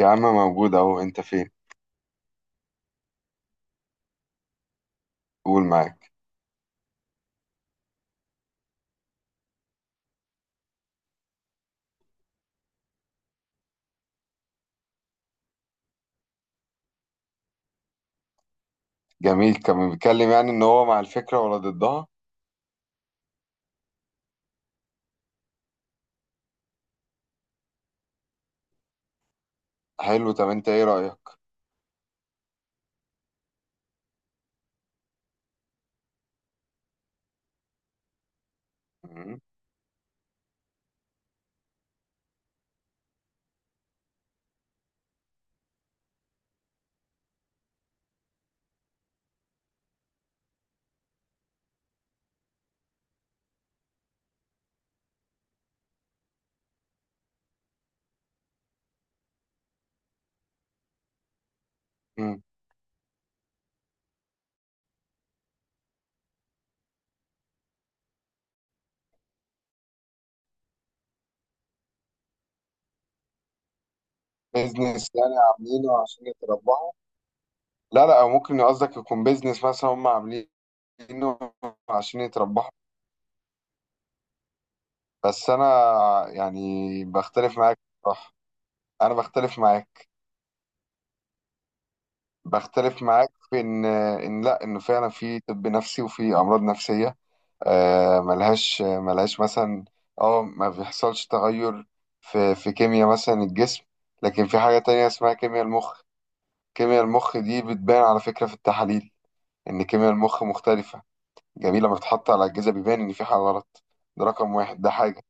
يا عم موجود اهو، انت فين؟ قول معاك. جميل، كان بيتكلم يعني ان هو مع الفكره ولا ضدها؟ حلو، طب انت ايه رايك؟ مم. مم. بيزنس يعني عاملينه عشان يتربحوا؟ لا لا، أو ممكن قصدك يكون بيزنس مثلا هم عاملينه عشان يتربحوا. بس انا يعني بختلف معاك، صح. انا بختلف معاك. بختلف معاك في ان لا، انه فعلا في طب نفسي وفي امراض نفسيه. ملهاش مثلا اه ما بيحصلش تغير في كيمياء مثلا الجسم، لكن في حاجة تانية اسمها كيمياء المخ. كيمياء المخ دي بتبان على فكرة في التحاليل إن كيمياء المخ مختلفة. جميل، لما بتتحط على الأجهزة بيبان إن في حاجة غلط. ده رقم واحد، ده حاجة.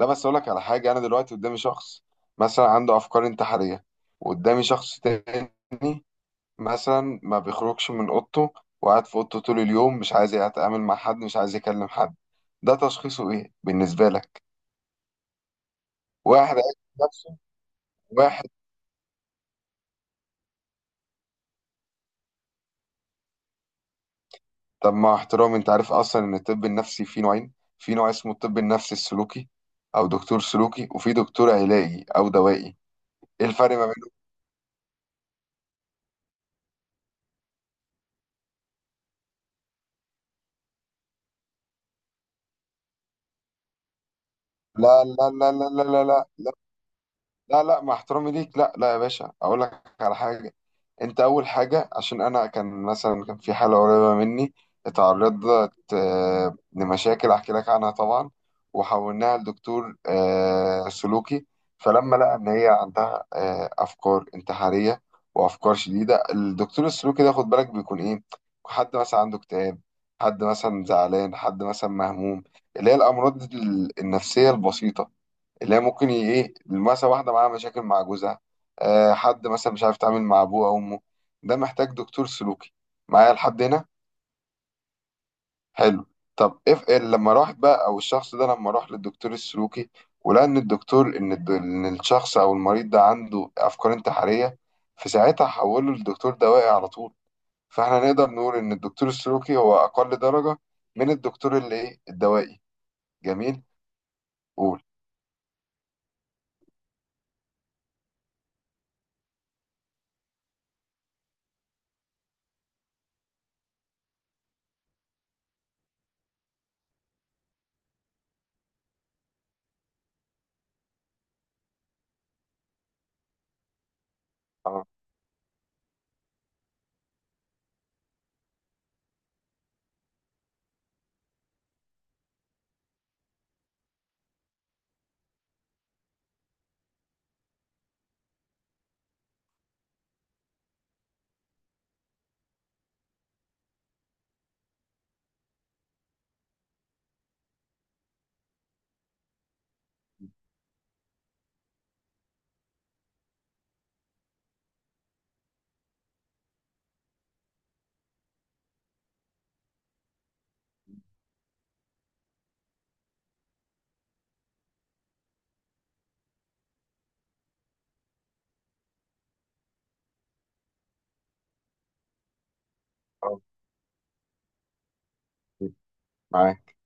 لا، بس أقول لك على حاجة. أنا دلوقتي قدامي شخص مثلا عنده أفكار انتحارية، وقدامي شخص تاني مثلا ما بيخرجش من اوضته، وقاعد في اوضته طول اليوم، مش عايز يتعامل مع حد، مش عايز يكلم حد. ده تشخيصه ايه بالنسبة لك؟ واحد عايز نفسه، واحد. طب مع احترامي، انت عارف اصلا ان الطب النفسي فيه نوعين؟ في نوع اسمه الطب النفسي السلوكي او دكتور سلوكي، وفي دكتور علاجي او دوائي. ايه الفرق ما بينهم؟ لا لا لا لا لا لا لا. لا لا، مع احترامي ليك، لا لا يا باشا، اقول لك على حاجه. انت اول حاجه، عشان انا كان مثلا كان في حاله قريبه مني، اتعرضت لمشاكل احكي لك عنها طبعا، وحولناها لدكتور سلوكي. فلما لقى ان هي عندها افكار انتحاريه وافكار شديده، الدكتور السلوكي ده خد بالك بيكون ايه؟ حد مثلا عنده اكتئاب، حد مثلا زعلان، حد مثلا مهموم، اللي هي الامراض النفسيه البسيطه، اللي هي ممكن ايه، مثلا واحده معاها مشاكل مع جوزها، آه حد مثلا مش عارف يتعامل مع ابوه او امه. ده محتاج دكتور سلوكي. معايا لحد هنا؟ حلو. طب اف لما راحت بقى او الشخص ده لما راح للدكتور السلوكي، ولقى ان الدكتور ان إن الشخص او المريض ده عنده افكار انتحاريه، في ساعتها حوله للدكتور دوائي على طول. فاحنا نقدر نقول ان الدكتور السلوكي هو اقل درجه من الدكتور اللي ايه الدوائي. جميل. قول. اه. اه، معاك.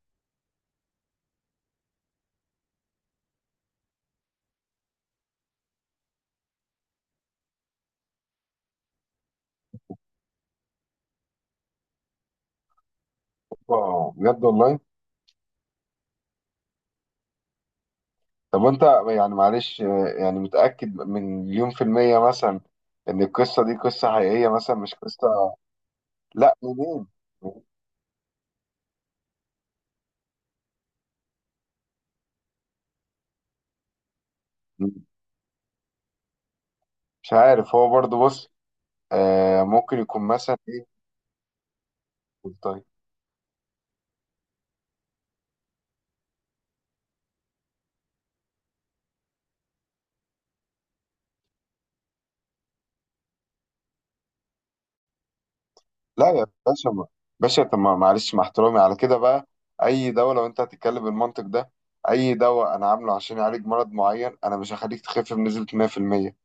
بجد والله؟ طب وانت يعني معلش يعني متأكد من 100% مثلا ان القصة دي قصة حقيقية، مثلا مش قصة؟ لا، منين؟ مش عارف، هو برضو بص آه ممكن يكون مثلا ايه. طيب. لا يا باشا ما. باشا طب معلش، مع احترامي على كده بقى، اي دواء لو انت هتتكلم بالمنطق ده، اي دواء انا عامله عشان يعالج مرض معين، انا مش هخليك تخف بنسبة 100%.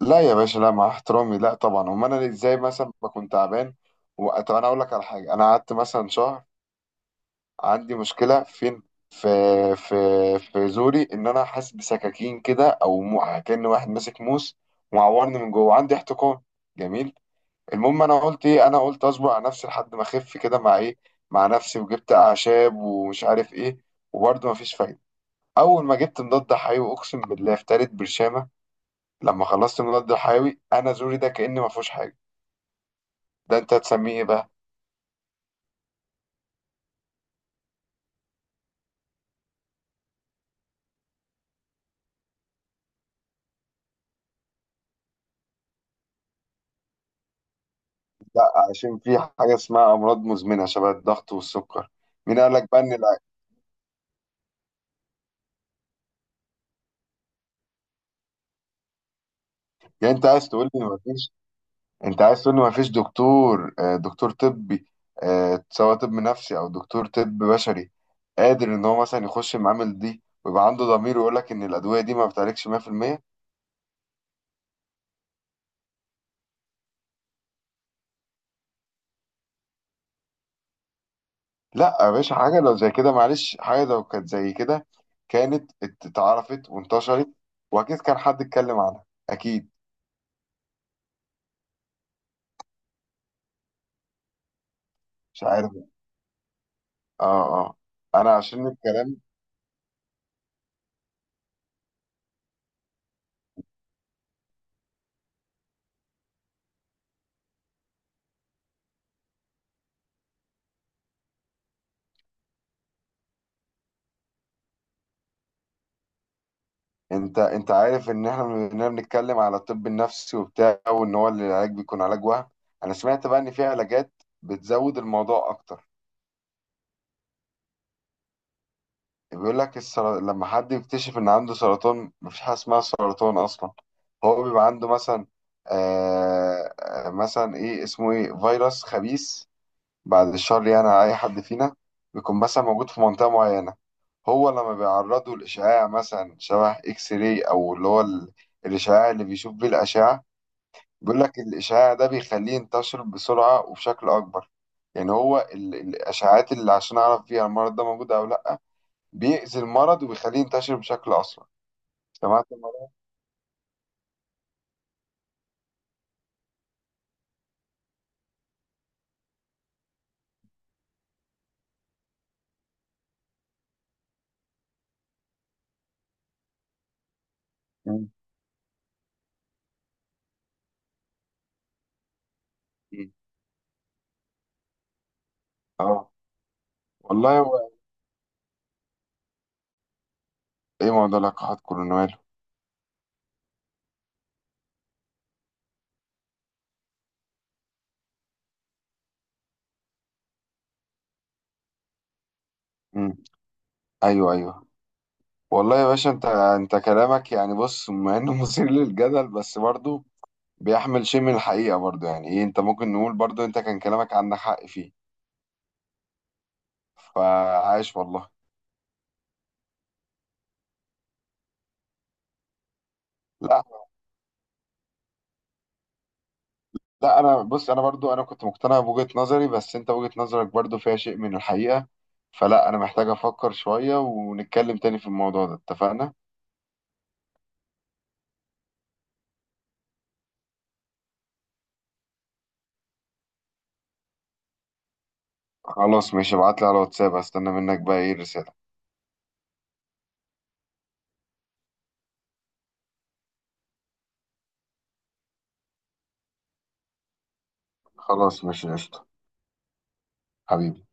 لا يا باشا لا، مع احترامي، لا طبعا، امال انا ازاي مثلا بكون تعبان؟ طب انا اقول لك على حاجه. انا قعدت مثلا شهر عندي مشكله فين؟ في في في زوري، ان انا حاسس بسكاكين كده او كأن واحد ماسك موس ومعورني من جوه، عندي احتقان. جميل. المهم انا قلت ايه؟ انا قلت اصبر على نفسي لحد ما اخف كده مع ايه، مع نفسي، وجبت اعشاب ومش عارف ايه. وبرضه مفيش فايده. اول ما جبت مضاد حيوي، اقسم بالله في تالت برشامه لما خلصت المضاد الحيوي، انا زوري ده كأن ما فيهوش حاجه. ده انت هتسميه ايه بقى؟ عشان في حاجه اسمها امراض مزمنه شبه الضغط والسكر. مين قال لك بقى ان يعني انت عايز تقول لي ما فيش، انت عايز تقول لي ما فيش دكتور دكتور طبي، سواء طب نفسي او دكتور طب بشري، قادر ان هو مثلا يخش المعامل دي ويبقى عنده ضمير ويقول لك ان الادويه دي ما بتعالجش 100%؟ لا يا باشا، حاجه لو زي كده، معلش، حاجه لو كانت زي كده كانت اتعرفت وانتشرت، واكيد كان حد اتكلم عنها. اكيد. مش عارف. اه. اه. انا عشان الكلام. انت انت عارف ان احنا بنتكلم على الطب النفسي وبتاع، وان هو العلاج بيكون علاج وهم. انا سمعت بقى ان في علاجات بتزود الموضوع اكتر. بيقول لك السر، لما حد يكتشف ان عنده سرطان، مفيش حاجه اسمها سرطان اصلا، هو بيبقى عنده مثلا آه مثلا ايه اسمه ايه، فيروس خبيث، بعد الشر يعني على أي حد فينا، بيكون مثلا موجود في منطقة معينة. هو لما بيعرضه لإشعاع مثلا شبه إكس راي أو اللي هو الإشعاع اللي بيشوف بيه الأشعة، بيقول لك الإشعاع ده بيخليه ينتشر بسرعة وبشكل أكبر. يعني هو الإشعاعات اللي عشان أعرف فيها المرض ده موجود أو لأ، بيأذي المرض وبيخليه ينتشر بشكل أسرع. سمعت المرض؟ مم. اه. والله هو. إيه موضوع لقاحات كورونا ماله؟ مم. أيوه أيوه. والله يا باشا، انت انت كلامك يعني بص، مع انه مثير للجدل، بس برضه بيحمل شيء من الحقيقة برضه. يعني ايه، انت ممكن نقول برضه انت كان كلامك عندك حق فيه. فعاش والله. لا لا، انا بص، انا برضه انا كنت مقتنع بوجهة نظري، بس انت وجهة نظرك برضه فيها شيء من الحقيقة. فلا، انا محتاج افكر شوية ونتكلم تاني في الموضوع ده. اتفقنا؟ خلاص ماشي، ابعت لي على الواتساب، استنى منك بقى ايه الرسالة. خلاص ماشي، قشطة. حبيبي.